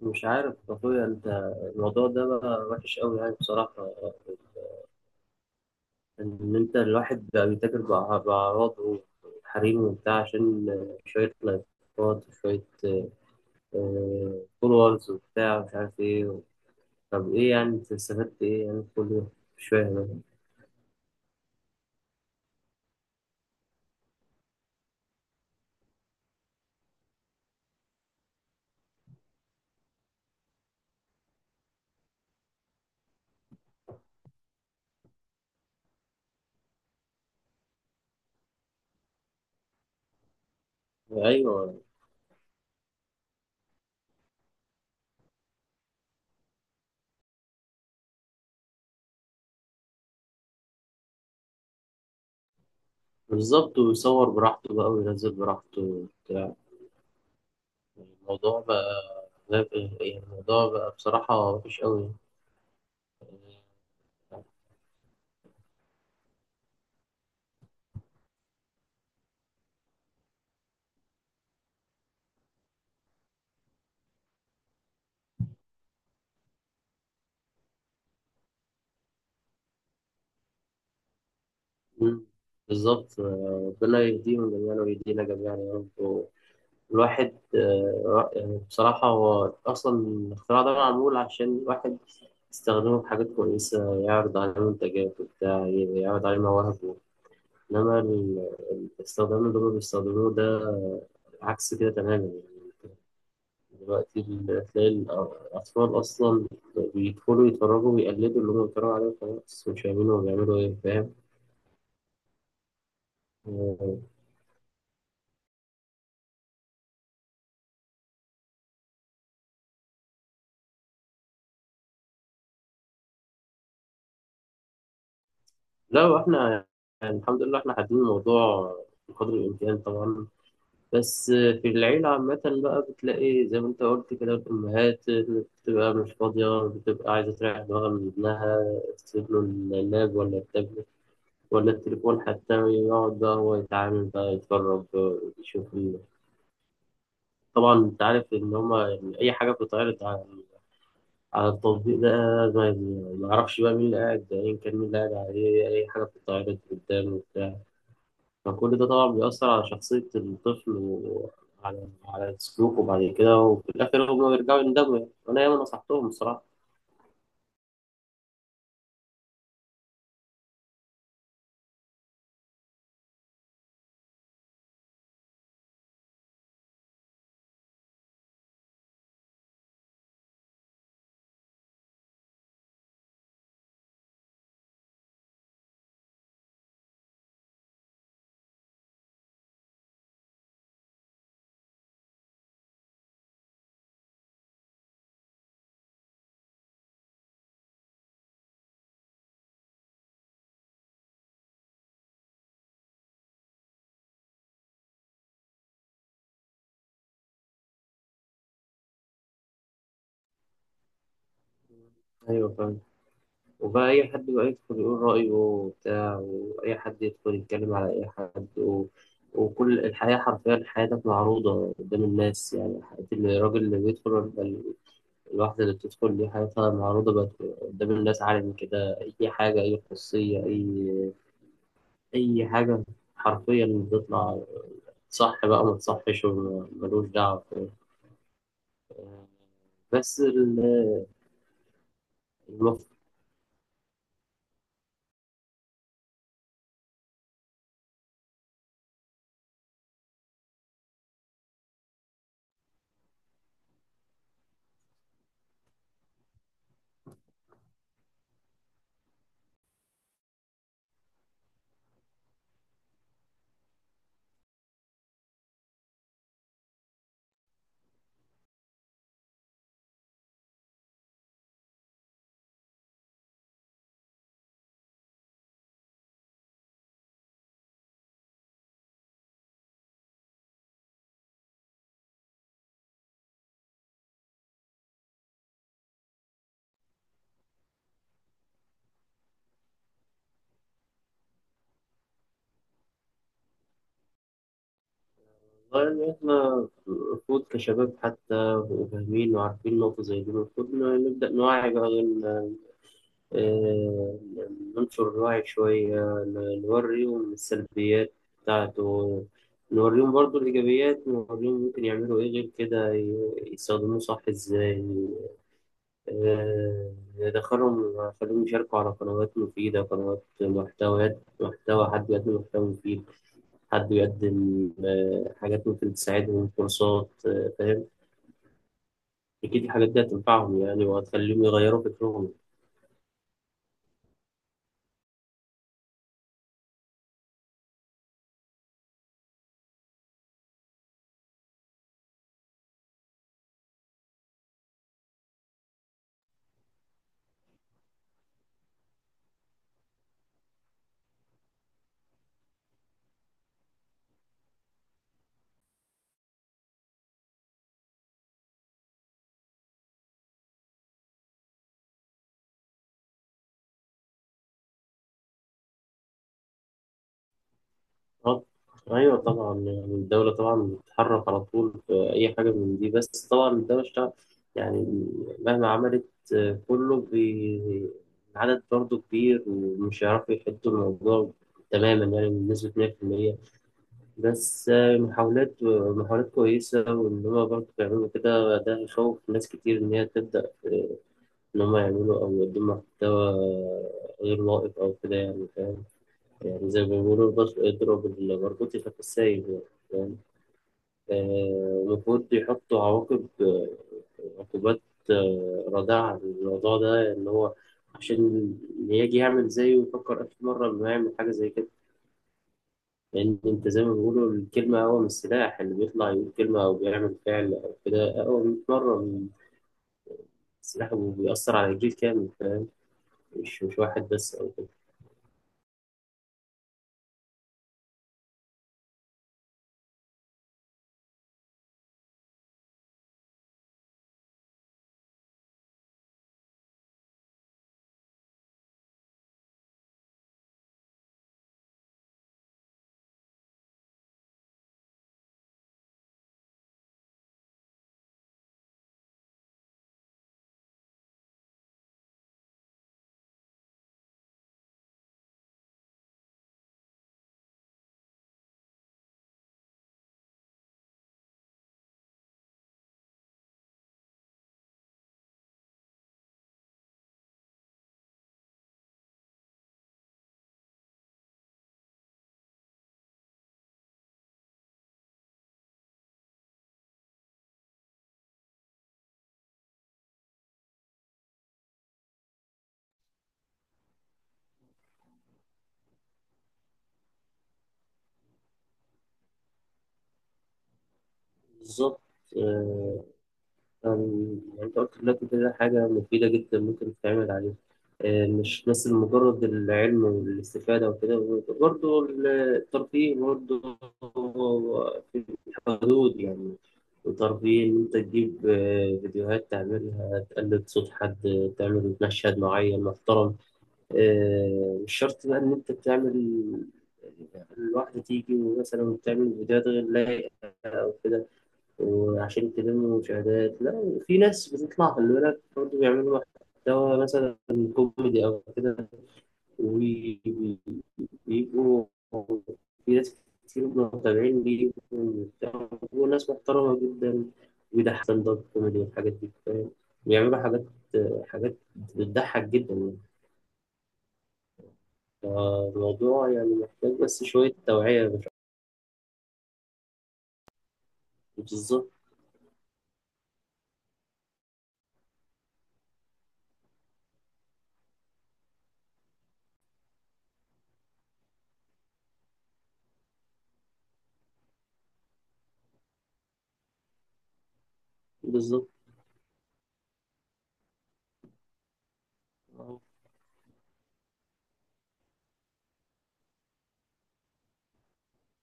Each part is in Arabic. مش عارف يا اخويا انت. الموضوع ده بقى وحش قوي يعني بصراحة، ان انت الواحد بقى بيتاجر بأع- بأعراضه وحريمه وبتاع عشان شوية لايكات وشوية فولورز وبتاع مش عارف ايه. طب ايه يعني انت استفدت ايه يعني كل ده؟ مش فاهم. أنا. ايوه. بالظبط، ويصور براحته بقى وينزل براحته وبتاع. الموضوع بقى غاب- يعني الموضوع بقى بصراحة وحش قوي. مم. بالظبط. ربنا يهديهم جميعا ويهدينا جميعا يا رب الواحد، يعني بصراحة هو أصلا الاختراع ده معمول عشان الواحد يستخدمه في حاجات كويسة، يعرض عليه منتجات وبتاع، يعرض عليه مواهبه، إنما الاستخدام اللي هما بيستخدموه ده عكس كده تماما يعني. دلوقتي تلاقي الأطفال أصلا بيدخلوا يتفرجوا ويقلدوا اللي هما بيتفرجوا عليه وخلاص مش فاهمين هما بيعملوا إيه، فاهم؟ آه، لا، واحنا يعني الحمد لله احنا حاطين الموضوع بقدر الامكان طبعا، بس في العيلة عامة بقى بتلاقي زي ما انت قلت كده الأمهات بتبقى مش فاضية، بتبقى عايزة تريح دماغها من ابنها، تسيب له اللاب ولا التابلت ولا التليفون حتى، يقعد بقى هو يتعامل بقى يتفرج يشوف طبعا انت عارف ان هما يعني أي حاجة بتتعرض على التطبيق ده ما ما يعرفش بقى مين اللي قاعد، أيا كان مين اللي قاعد عليه أي حاجة بتتعرض قدامه، فكل ده طبعا بيأثر على شخصية الطفل وعلى سلوكه بعد كده، وفي الآخر هما بيرجعوا يندموا يعني، أنا ياما نصحتهم الصراحة. أيوه فاهم. وبقى أي حد بقى يدخل يقول رأيه وبتاع، وأي حد يدخل يتكلم على أي حد وكل الحياة حرفيا حياتك معروضة قدام الناس، يعني حياة الراجل اللي بيدخل ولا الواحدة اللي بتدخل دي حياتها معروضة بقت قدام الناس، عالم كده، أي حاجة، أي خصوصية، اي حاجه حرفيا بتطلع. صح بقى ما تصحش ملوش دعوه، بس المفروض. إن إحنا المفروض كشباب حتى وفاهمين وعارفين نقطة زي دي، المفروض نبدأ نوعي بقى، آه، ننشر الوعي شوية، نوريهم السلبيات بتاعته، نوريهم برضو الإيجابيات، نوريهم ممكن يعملوا إيه غير كده، يستخدموه صح إزاي. آه، دخلهم، خليهم يشاركوا على قنوات مفيدة، قنوات محتويات، محتوى، حد بيقدم محتوى مفيد، حد بيقدم حاجات ممكن تساعدهم، كورسات، فاهم؟ أكيد الحاجات دي هتنفعهم يعني وهتخليهم يغيروا فكرهم. آه، أيوة طبعا، يعني الدولة طبعا بتتحرك على طول في أي حاجة من دي، بس طبعا الدولة اشتغل يعني مهما عملت، آه، كله بي... العدد برضه كبير ومش هيعرفوا يحدوا الموضوع تماما يعني بنسبة 100%. بس محاولات، محاولات كويسة، وإن هما برضه بيعملوا كده ده يخوف ناس كتير إن هي تبدأ في، إن هما يعملوا أو يقدموا محتوى غير لائق أو كده يعني، فاهم؟ يعني زي ما بيقولوا اضرب المربوط يخاف السايب يعني، فاهم؟ المفروض يحطوا عواقب، عقوبات رادعة للموضوع ده، إن هو عشان اللي يجي يعمل زيه يفكر 1000 مرة إنه يعمل حاجة زي كده. لأن أنت زي ما بيقولوا الكلمة أقوى من السلاح، اللي بيطلع يقول كلمة أو بيعمل فعل أو كده أقوى 100 مرة من السلاح، وبيأثر على جيل كامل، فاهم؟ مش واحد بس أو كده. بالظبط. آه، أم، يعني أنت قلت دلوقتي كده حاجة مفيدة جدا ممكن تتعمل عليها، مش بس مجرد العلم والاستفادة وكده، برضه الترفيه، برضه في الحدود يعني. الترفيه إن أنت تجيب فيديوهات تعملها، تقلد صوت حد، تعمل مشهد معين محترم، مش شرط بقى إن أنت تعمل الواحدة تيجي ومثلا تعمل فيديوهات غير لايقة أو كده، وعشان تلموا مشاهدات. لا، وفي ناس بتطلع خلي بالك برضه بيعملوا محتوى مثلا كوميدي أو كده، وبيبقوا في ناس كتير متابعين ليه، وبيبقوا ناس محترمة جدا، وبيضحك ستاند اب كوميدي والحاجات دي، فاهم؟ بيعملوا حاجات، حاجات بتضحك جدا يعني. فالموضوع يعني محتاج بس شوية توعية مش أكتر. بالظبط. بالظبط.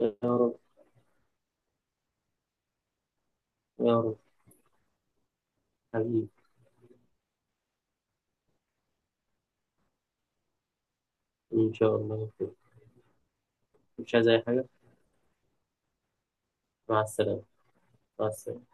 يا رب. يا رب. حبيبي. إن شاء الله. مش عايز أي حاجة. مع السلامة. مع السلامة.